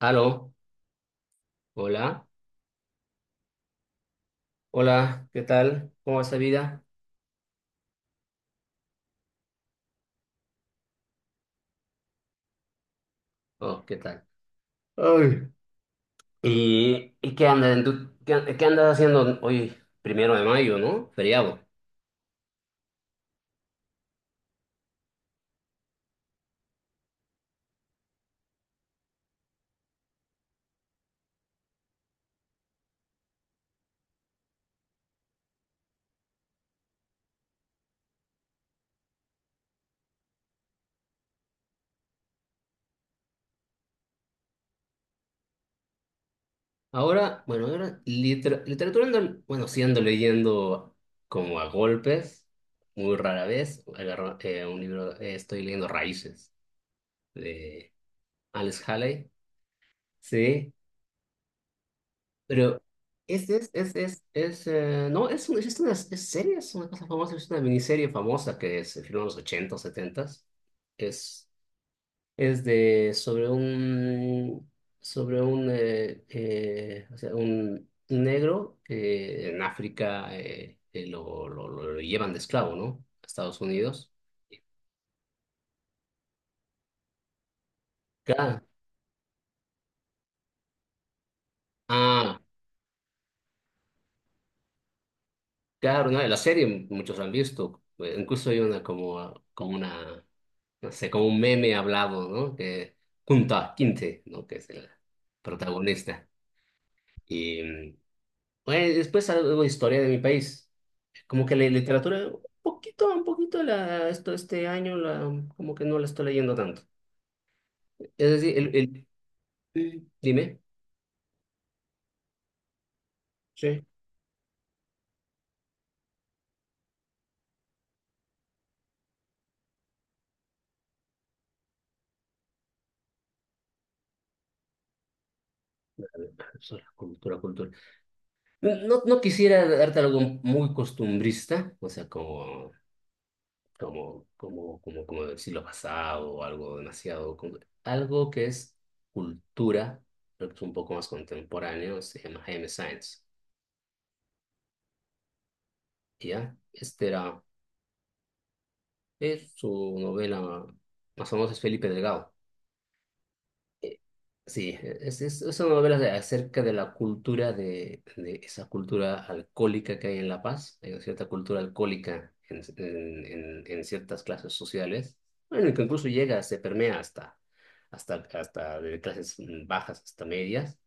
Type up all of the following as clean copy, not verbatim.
Aló, hola, hola, ¿qué tal? ¿Cómo va esa vida? Oh, ¿qué tal? Ay. ¿Y qué andas, qué andas haciendo hoy, 1 de mayo, ¿no? Feriado. Ahora, bueno, ahora literatura, bueno, sí ando leyendo como a golpes, muy rara vez. Agarro, un libro, estoy leyendo Raíces de Alex Haley, sí. Pero es, no, es, es una es serie, es una cosa famosa, es una miniserie famosa que se filmó en los 80, 70. Es, es de, sobre un, o sea, un negro que en África lo llevan de esclavo, ¿no? A Estados Unidos. Claro. Ah, claro, ¿no? La serie muchos la han visto. Incluso hay una como, ah, como una, no sé, como un meme hablado, ¿no? Que junta a Quinte, ¿no? Que es el protagonista. Y bueno, después algo de historia de mi país. Como que la literatura, un poquito la, esto, este año, la, como que no la estoy leyendo tanto. Es decir, el, dime. Sí. Eso, la cultura. No, no quisiera darte algo muy costumbrista, o sea, como del siglo pasado o algo demasiado, algo que es cultura, pero que es un poco más contemporáneo, se llama Jaime Science, ¿ya? Este era, es su novela más famosa, es Felipe Delgado. Eh, Sí, es una novela acerca de la cultura de esa cultura alcohólica que hay en La Paz. Hay una cierta cultura alcohólica en ciertas clases sociales. Bueno, que incluso llega, se permea hasta, hasta de clases bajas hasta medias.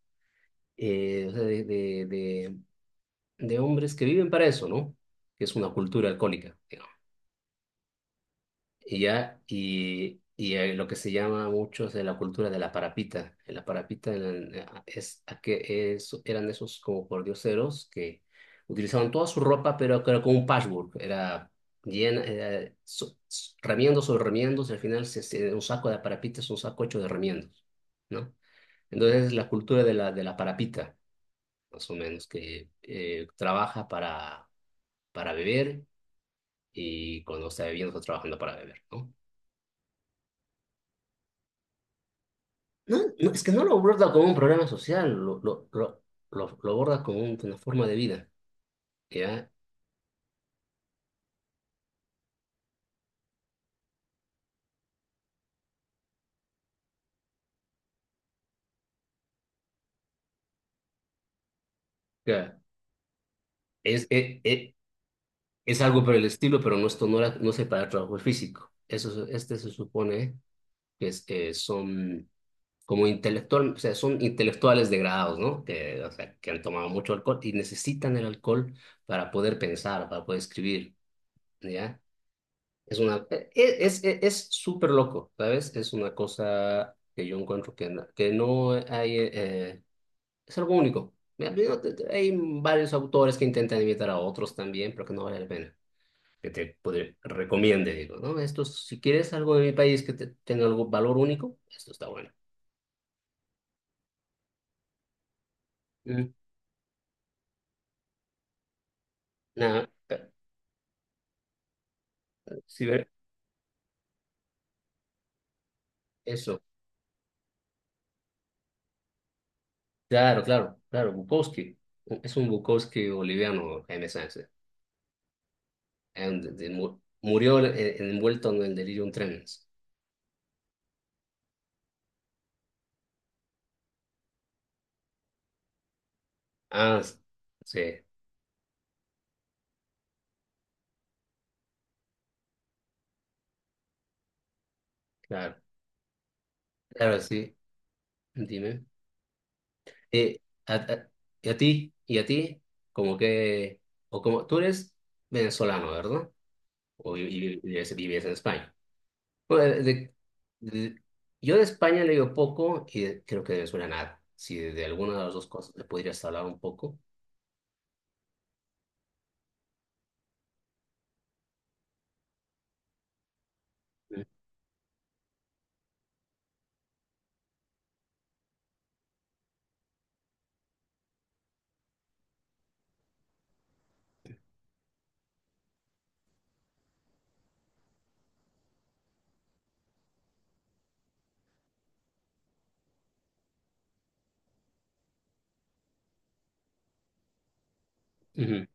O sea, de hombres que viven para eso, ¿no? Que es una cultura alcohólica. Y ya, y lo que se llama mucho es de la cultura de la parapita. En la parapita es, eran esos como pordioseros que utilizaban toda su ropa, pero que era como un patchwork. Era llena, era remiendos sobre remiendos, y al final un saco de parapita es un saco hecho de remiendos, ¿no? Entonces es la cultura de la parapita, más o menos, que trabaja para beber, y cuando está bebiendo está trabajando para beber, ¿no? No, no, es que no lo aborda como un problema social, lo aborda como una forma de vida, ¿ya? Claro. Es, e- e- es, algo por el estilo, pero no, esto no, no separa trabajo físico. Eso, este se supone que es, son como intelectual, o sea, son intelectuales degradados, ¿no? Que, o sea, que han tomado mucho alcohol y necesitan el alcohol para poder pensar, para poder escribir, ¿ya? Es una, es súper loco, ¿sabes? Es una cosa que yo encuentro que, que no hay, es algo único. Hay varios autores que intentan imitar a otros también, pero que no vale la pena. Que te recomiende, digo, ¿no? Esto, si quieres algo de mi país que tenga algún valor único, esto está bueno. Mm. Nada, sí, ver- eso. Claro, claro, claro, Bukowski. Es un Bukowski boliviano, Jaime Sáenz. And- de- mu- Murió envuelto en el delirium tremens. Ah, s- sí, claro, claro, sí, dime. Eh, a, a- ¿Y a ti? ¿Y a ti? Como que, o como, tú eres venezolano, ¿verdad? O vives, vives en España. Bueno, de- yo de España le digo poco y creo que de Venezuela nada. Si de, de alguna de las dos cosas le podrías hablar un poco. Ujú,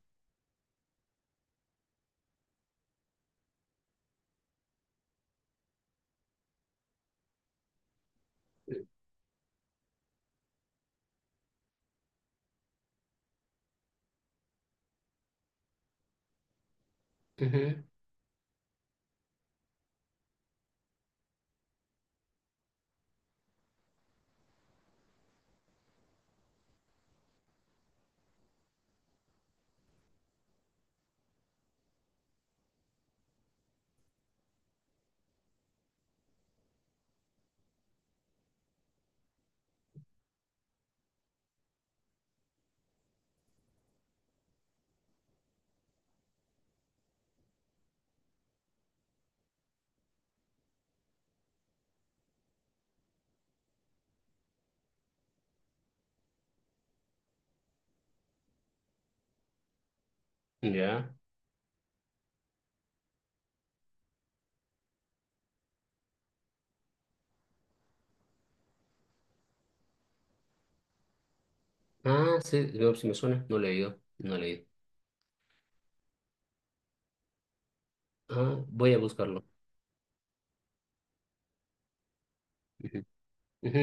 ujú, ya. Ah, sí, no, sí me suena, no he leído, no he leído. Ah, voy a buscarlo. Ujú, ujú,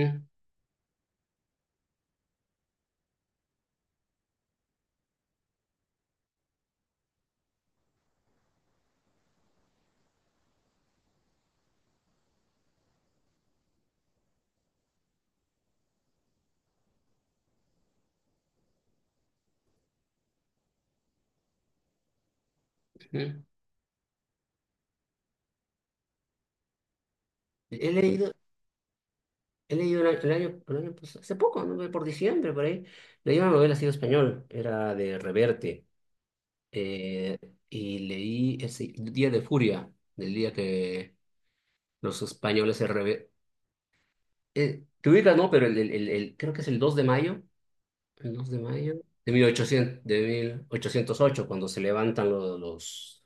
ujú. He leído, He leído el, el año pasado, hace poco, ¿no? Por diciembre, por ahí, leí una novela así en español, era de Reverte, eh, y leí ese Día de Furia, del día que los españoles se rebe... te ubicas, ¿no? Pero creo que es el 2 de mayo, el 2 de mayo de 1800, de 1808, cuando se levantan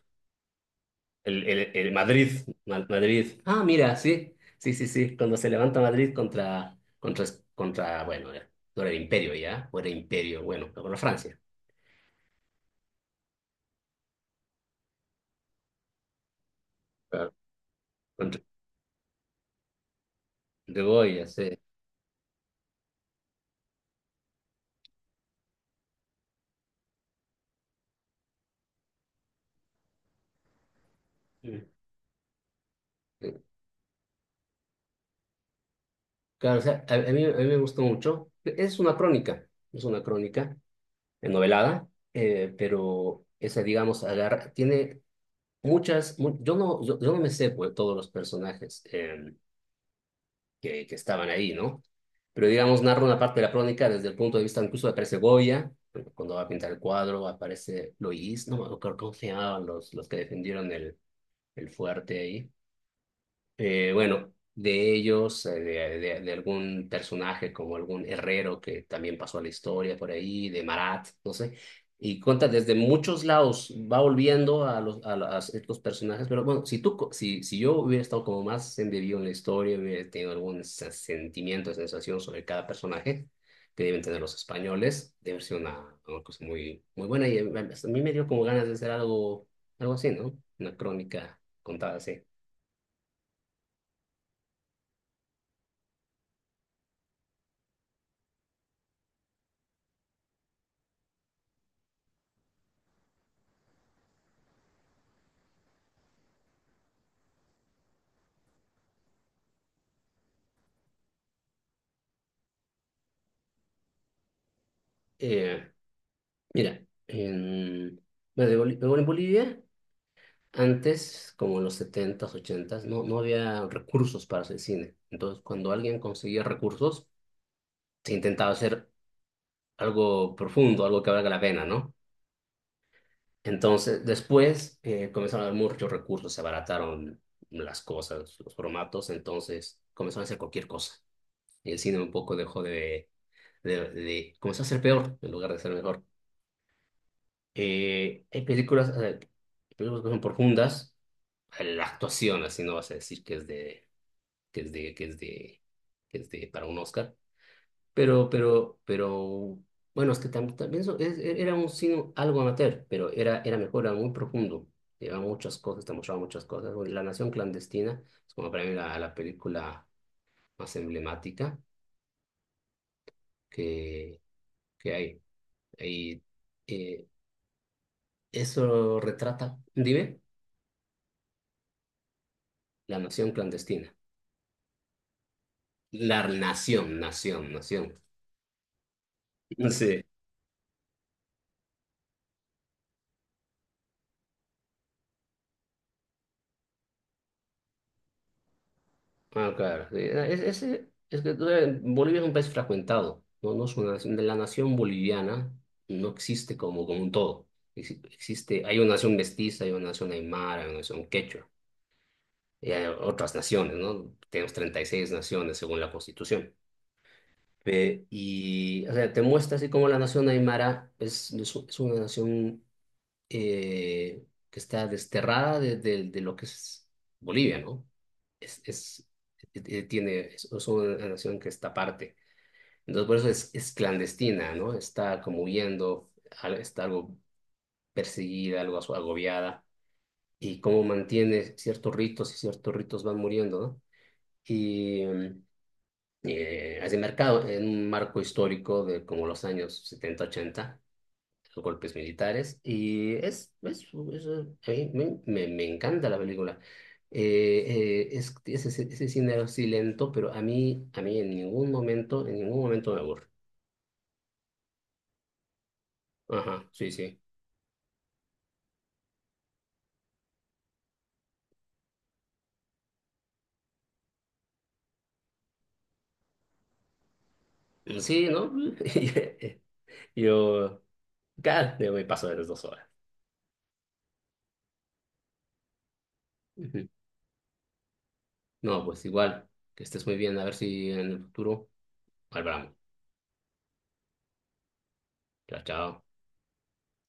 el, el Madrid, Madrid. Ah, mira, sí, sí, sí, sí. Cuando se levanta Madrid contra, bueno, no era el Imperio ya, o era Imperio, bueno, contra Francia. Claro. Contra, de Goya, sí. Sí. Claro, o sea, a mí me gustó mucho. Es una crónica novelada, pero esa, digamos, agarra, tiene muchas, yo, yo no me sé pues, todos los personajes, que estaban ahí, ¿no? Pero digamos, narra una parte de la crónica desde el punto de vista, incluso aparece Goya, porque cuando va a pintar el cuadro aparece Loís, no me acuerdo cómo se llamaban los que defendieron el fuerte ahí. Bueno, de ellos, de algún personaje como algún herrero que también pasó a la historia por ahí, de Marat, no sé. Y cuenta desde muchos lados, va volviendo a los, a ciertos personajes, pero bueno, si tú, si, si yo hubiera estado como más embebido en la historia, hubiera tenido algún sentimiento, sensación sobre cada personaje que deben tener los españoles, debe ser una cosa muy, muy buena, y a mí me dio como ganas de hacer algo, algo así, ¿no? Una crónica contada así. Eh, Mira, en, bueno, de luego en Bolivia, antes, como en los setentas, ochentas, no, no había recursos para hacer cine. Entonces, cuando alguien conseguía recursos, se intentaba hacer algo profundo, algo que valga la pena, ¿no? Entonces, después comenzaron a haber muchos recursos, se abarataron las cosas, los formatos, entonces comenzaron a hacer cualquier cosa. Y el cine un poco dejó de- comenzó a ser peor en lugar de ser mejor. Hay películas, películas que son profundas, la actuación, así no vas a decir que es de, que es de, que es de, que es de para un Oscar, pero, bueno, es que tam- también eso era un cine algo amateur, pero era, era mejor, era muy profundo, llevaba muchas cosas, te mostraba muchas cosas. Bueno, La Nación Clandestina es como para mí la, la película más emblemática que, que hay. Y eh, eso retrata, dime, La Nación Clandestina. La Nación. Sí. Ah, claro, sí. Es que tú, Bolivia es un país fragmentado, ¿no? No es una nación, de la nación boliviana, no existe como, como un todo. Existe, hay una nación mestiza, hay una nación aymara, hay una nación quechua, y hay otras naciones, ¿no? Tenemos 36 naciones según la Constitución. Y, o sea, te muestra así como la nación aymara es, es una nación eh, que está desterrada de, de lo que es Bolivia, ¿no? Es, tiene, es una nación que está aparte. Entonces, por eso es clandestina, ¿no? Está como huyendo, está algo perseguida, algo agobiada, y cómo mantiene ciertos ritos y ciertos ritos van muriendo, ¿no? Y hace mercado en un marco histórico de como los años 70 ochenta, golpes militares, y es, a mí me, me encanta la película. Es ese, ese cine así lento, pero a mí en ningún momento me aburre. Ajá, sí, sí. Sí, ¿no? Yo, claro, yo me paso de las 2 horas. Ujú. No, pues igual, que estés muy bien, a ver si en el futuro hablamos. Chao, chao.